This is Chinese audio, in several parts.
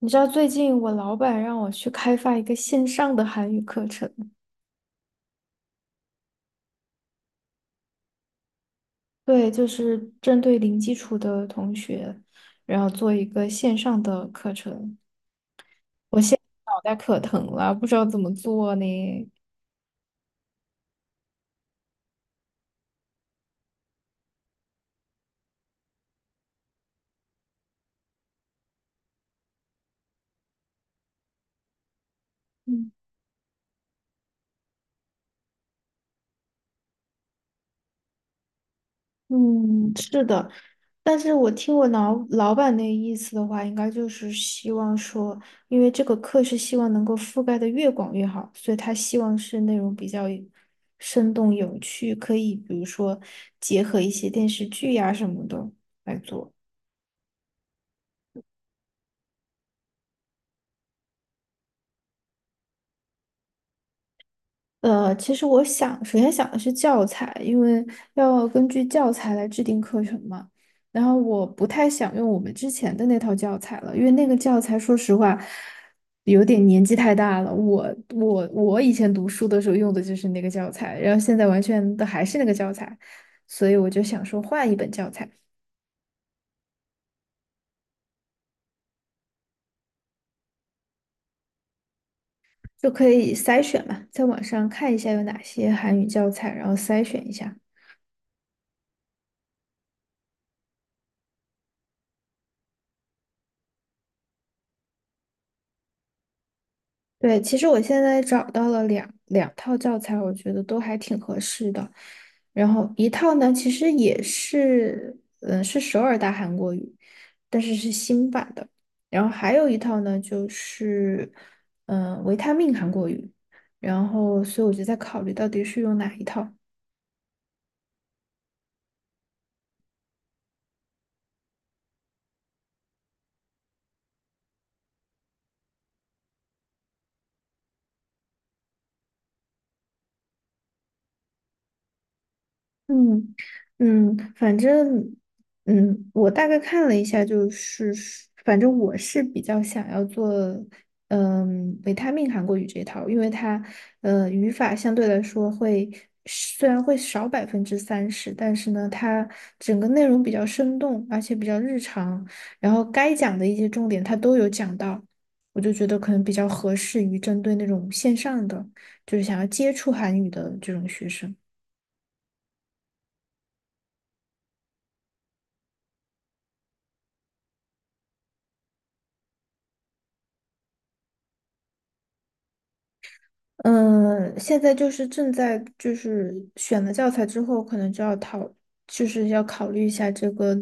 你知道最近我老板让我去开发一个线上的韩语课程，对，就是针对零基础的同学，然后做一个线上的课程。我现在脑袋可疼了，不知道怎么做呢。嗯，嗯，是的，但是我听我老板那意思的话，应该就是希望说，因为这个课是希望能够覆盖的越广越好，所以他希望是内容比较生动有趣，可以比如说结合一些电视剧呀、什么的来做。其实我想，首先想的是教材，因为要根据教材来制定课程嘛。然后我不太想用我们之前的那套教材了，因为那个教材说实话有点年纪太大了。我以前读书的时候用的就是那个教材，然后现在完全的还是那个教材，所以我就想说换一本教材，就可以筛选嘛，在网上看一下有哪些韩语教材，然后筛选一下。对，其实我现在找到了两套教材，我觉得都还挺合适的。然后一套呢，其实也是，嗯，是首尔大韩国语，但是是新版的。然后还有一套呢，就是，嗯、维他命韩国语。然后，所以我就在考虑到底是用哪一套。嗯反正我大概看了一下，就是反正我是比较想要做维他命韩国语这一套，因为它语法相对来说会虽然会少30%，但是呢，它整个内容比较生动，而且比较日常，然后该讲的一些重点它都有讲到，我就觉得可能比较合适于针对那种线上的，就是想要接触韩语的这种学生。嗯，现在就是正在就是选了教材之后，可能就要讨，就是要考虑一下这个，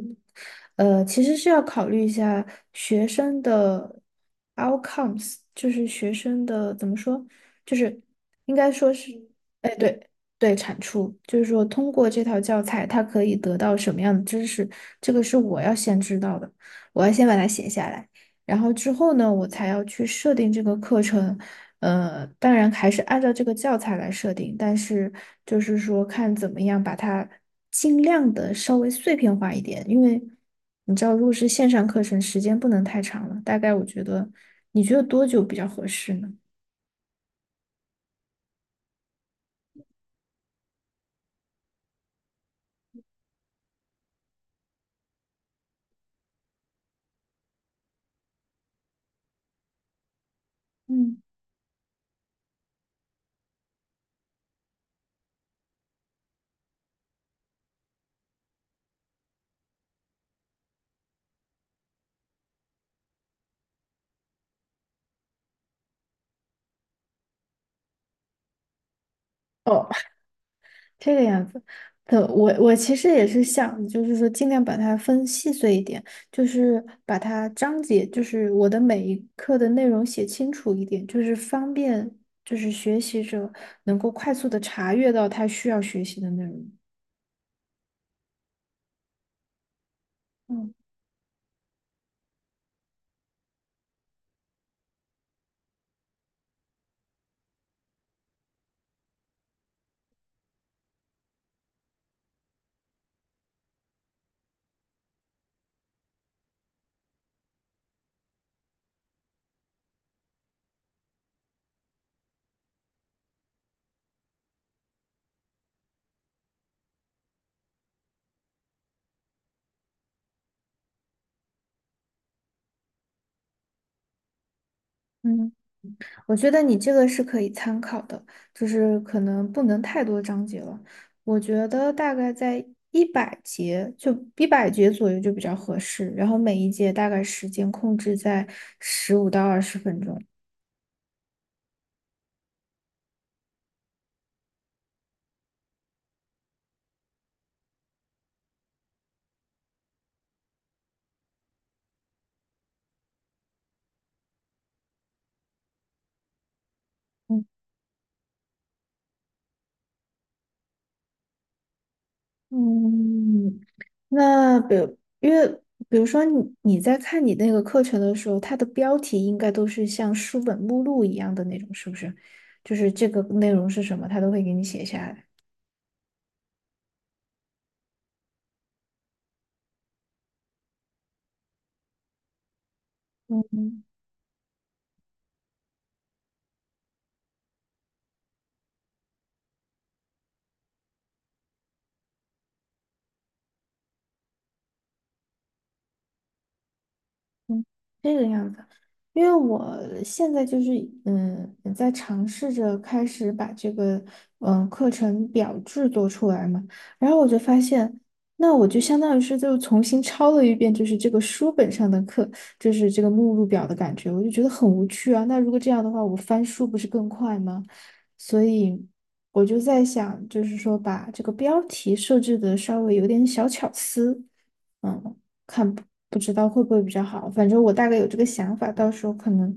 其实是要考虑一下学生的 outcomes,就是学生的怎么说，就是应该说是，哎，对，对，产出，就是说通过这套教材，他可以得到什么样的知识，这个是我要先知道的，我要先把它写下来。然后之后呢，我才要去设定这个课程。当然还是按照这个教材来设定，但是就是说看怎么样把它尽量的稍微碎片化一点，因为你知道，如果是线上课程，时间不能太长了。大概我觉得，你觉得多久比较合适呢？嗯。哦。这个样子的，我我其实也是想，就是说尽量把它分细碎一点，就是把它章节，就是我的每一课的内容写清楚一点，就是方便，就是学习者能够快速的查阅到他需要学习的内容。嗯。嗯。我觉得你这个是可以参考的，就是可能不能太多章节了。我觉得大概在一百节，就一百节左右就比较合适。然后每一节大概时间控制在15到20分钟。嗯嗯，那比如，因为比如说你在看你那个课程的时候，它的标题应该都是像书本目录一样的那种，是不是？就是这个内容是什么，它都会给你写下来。嗯嗯，这个样子，因为我现在就是在尝试着开始把这个课程表制作出来嘛，然后我就发现，那我就相当于是就重新抄了一遍，就是这个书本上的课，就是这个目录表的感觉，我就觉得很无趣啊。那如果这样的话，我翻书不是更快吗？所以我就在想，就是说把这个标题设置的稍微有点小巧思，嗯。看不知道会不会比较好。反正我大概有这个想法，到时候可能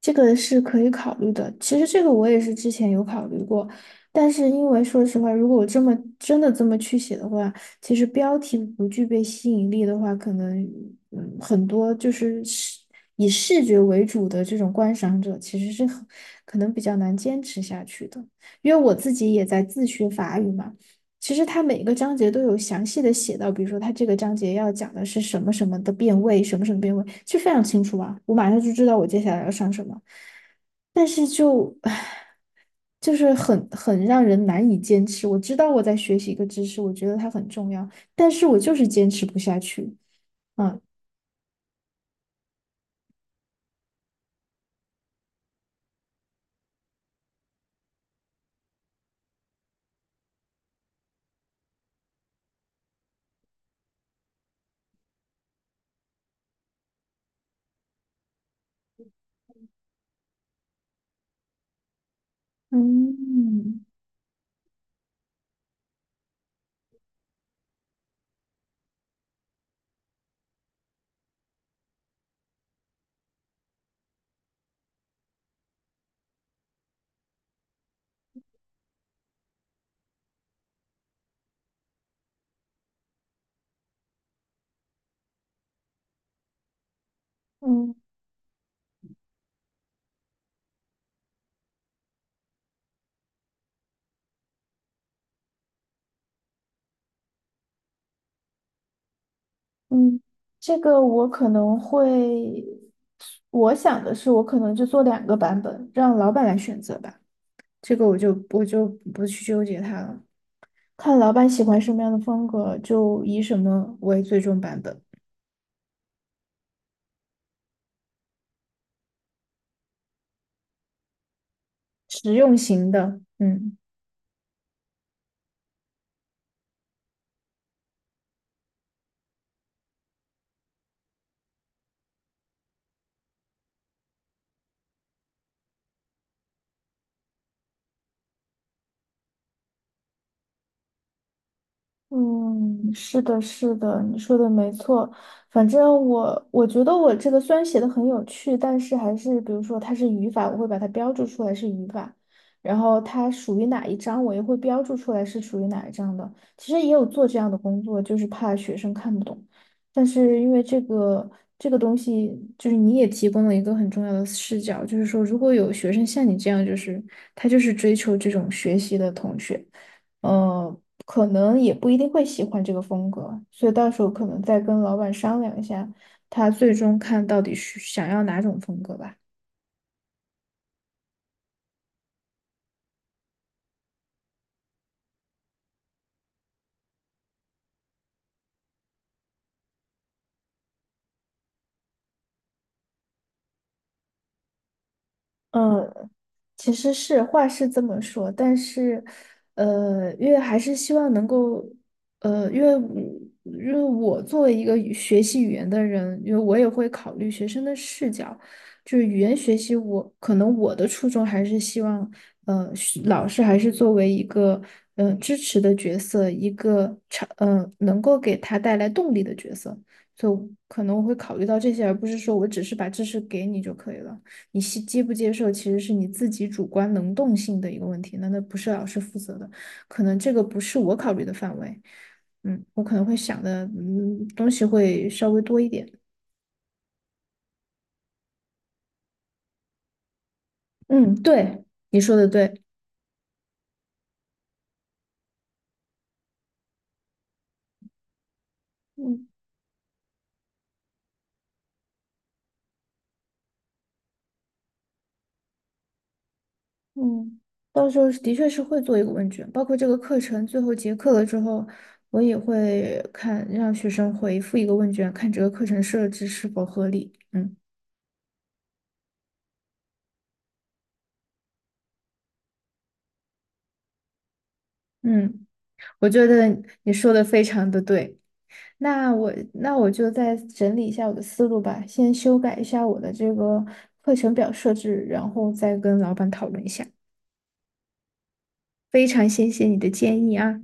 这个是可以考虑的。其实这个我也是之前有考虑过，但是因为说实话，如果我这么真的这么去写的话，其实标题不具备吸引力的话，可能很多就是以视觉为主的这种观赏者，其实是很可能比较难坚持下去的。因为我自己也在自学法语嘛。其实它每个章节都有详细的写到，比如说它这个章节要讲的是什么什么的变位，什么什么变位，就非常清楚啊，我马上就知道我接下来要上什么。但是就，唉，就是很让人难以坚持。我知道我在学习一个知识，我觉得它很重要，但是我就是坚持不下去。嗯嗯嗯嗯，这个我可能会，我想的是，我可能就做两个版本，让老板来选择吧。这个我就不去纠结它了，看老板喜欢什么样的风格，就以什么为最终版本，实用型的，嗯。嗯，是的，是的，你说的没错。反正我我觉得我这个虽然写的很有趣，但是还是比如说它是语法，我会把它标注出来是语法，然后它属于哪一章，我也会标注出来是属于哪一章的。其实也有做这样的工作，就是怕学生看不懂。但是因为这个东西，就是你也提供了一个很重要的视角，就是说如果有学生像你这样，就是他就是追求这种学习的同学。呃，可能也不一定会喜欢这个风格，所以到时候可能再跟老板商量一下，他最终看到底是想要哪种风格吧。嗯，其实是话是这么说，但是，因为还是希望能够，因为我因为我作为一个学习语言的人，因为我也会考虑学生的视角，就是语言学习我，可能我的初衷还是希望，是老师还是作为一个，支持的角色，一个成，呃，能够给他带来动力的角色，所以可能我会考虑到这些，而不是说我只是把知识给你就可以了。你接不接受，其实是你自己主观能动性的一个问题，那不是老师负责的，可能这个不是我考虑的范围。嗯，我可能会想的，东西会稍微多一点。嗯，对，你说的对。嗯嗯，到时候是的确是会做一个问卷，包括这个课程最后结课了之后，我也会看让学生回复一个问卷，看这个课程设置是否合理。嗯嗯，我觉得你说的非常的对。那我就再整理一下我的思路吧，先修改一下我的这个课程表设置，然后再跟老板讨论一下。非常谢谢你的建议啊。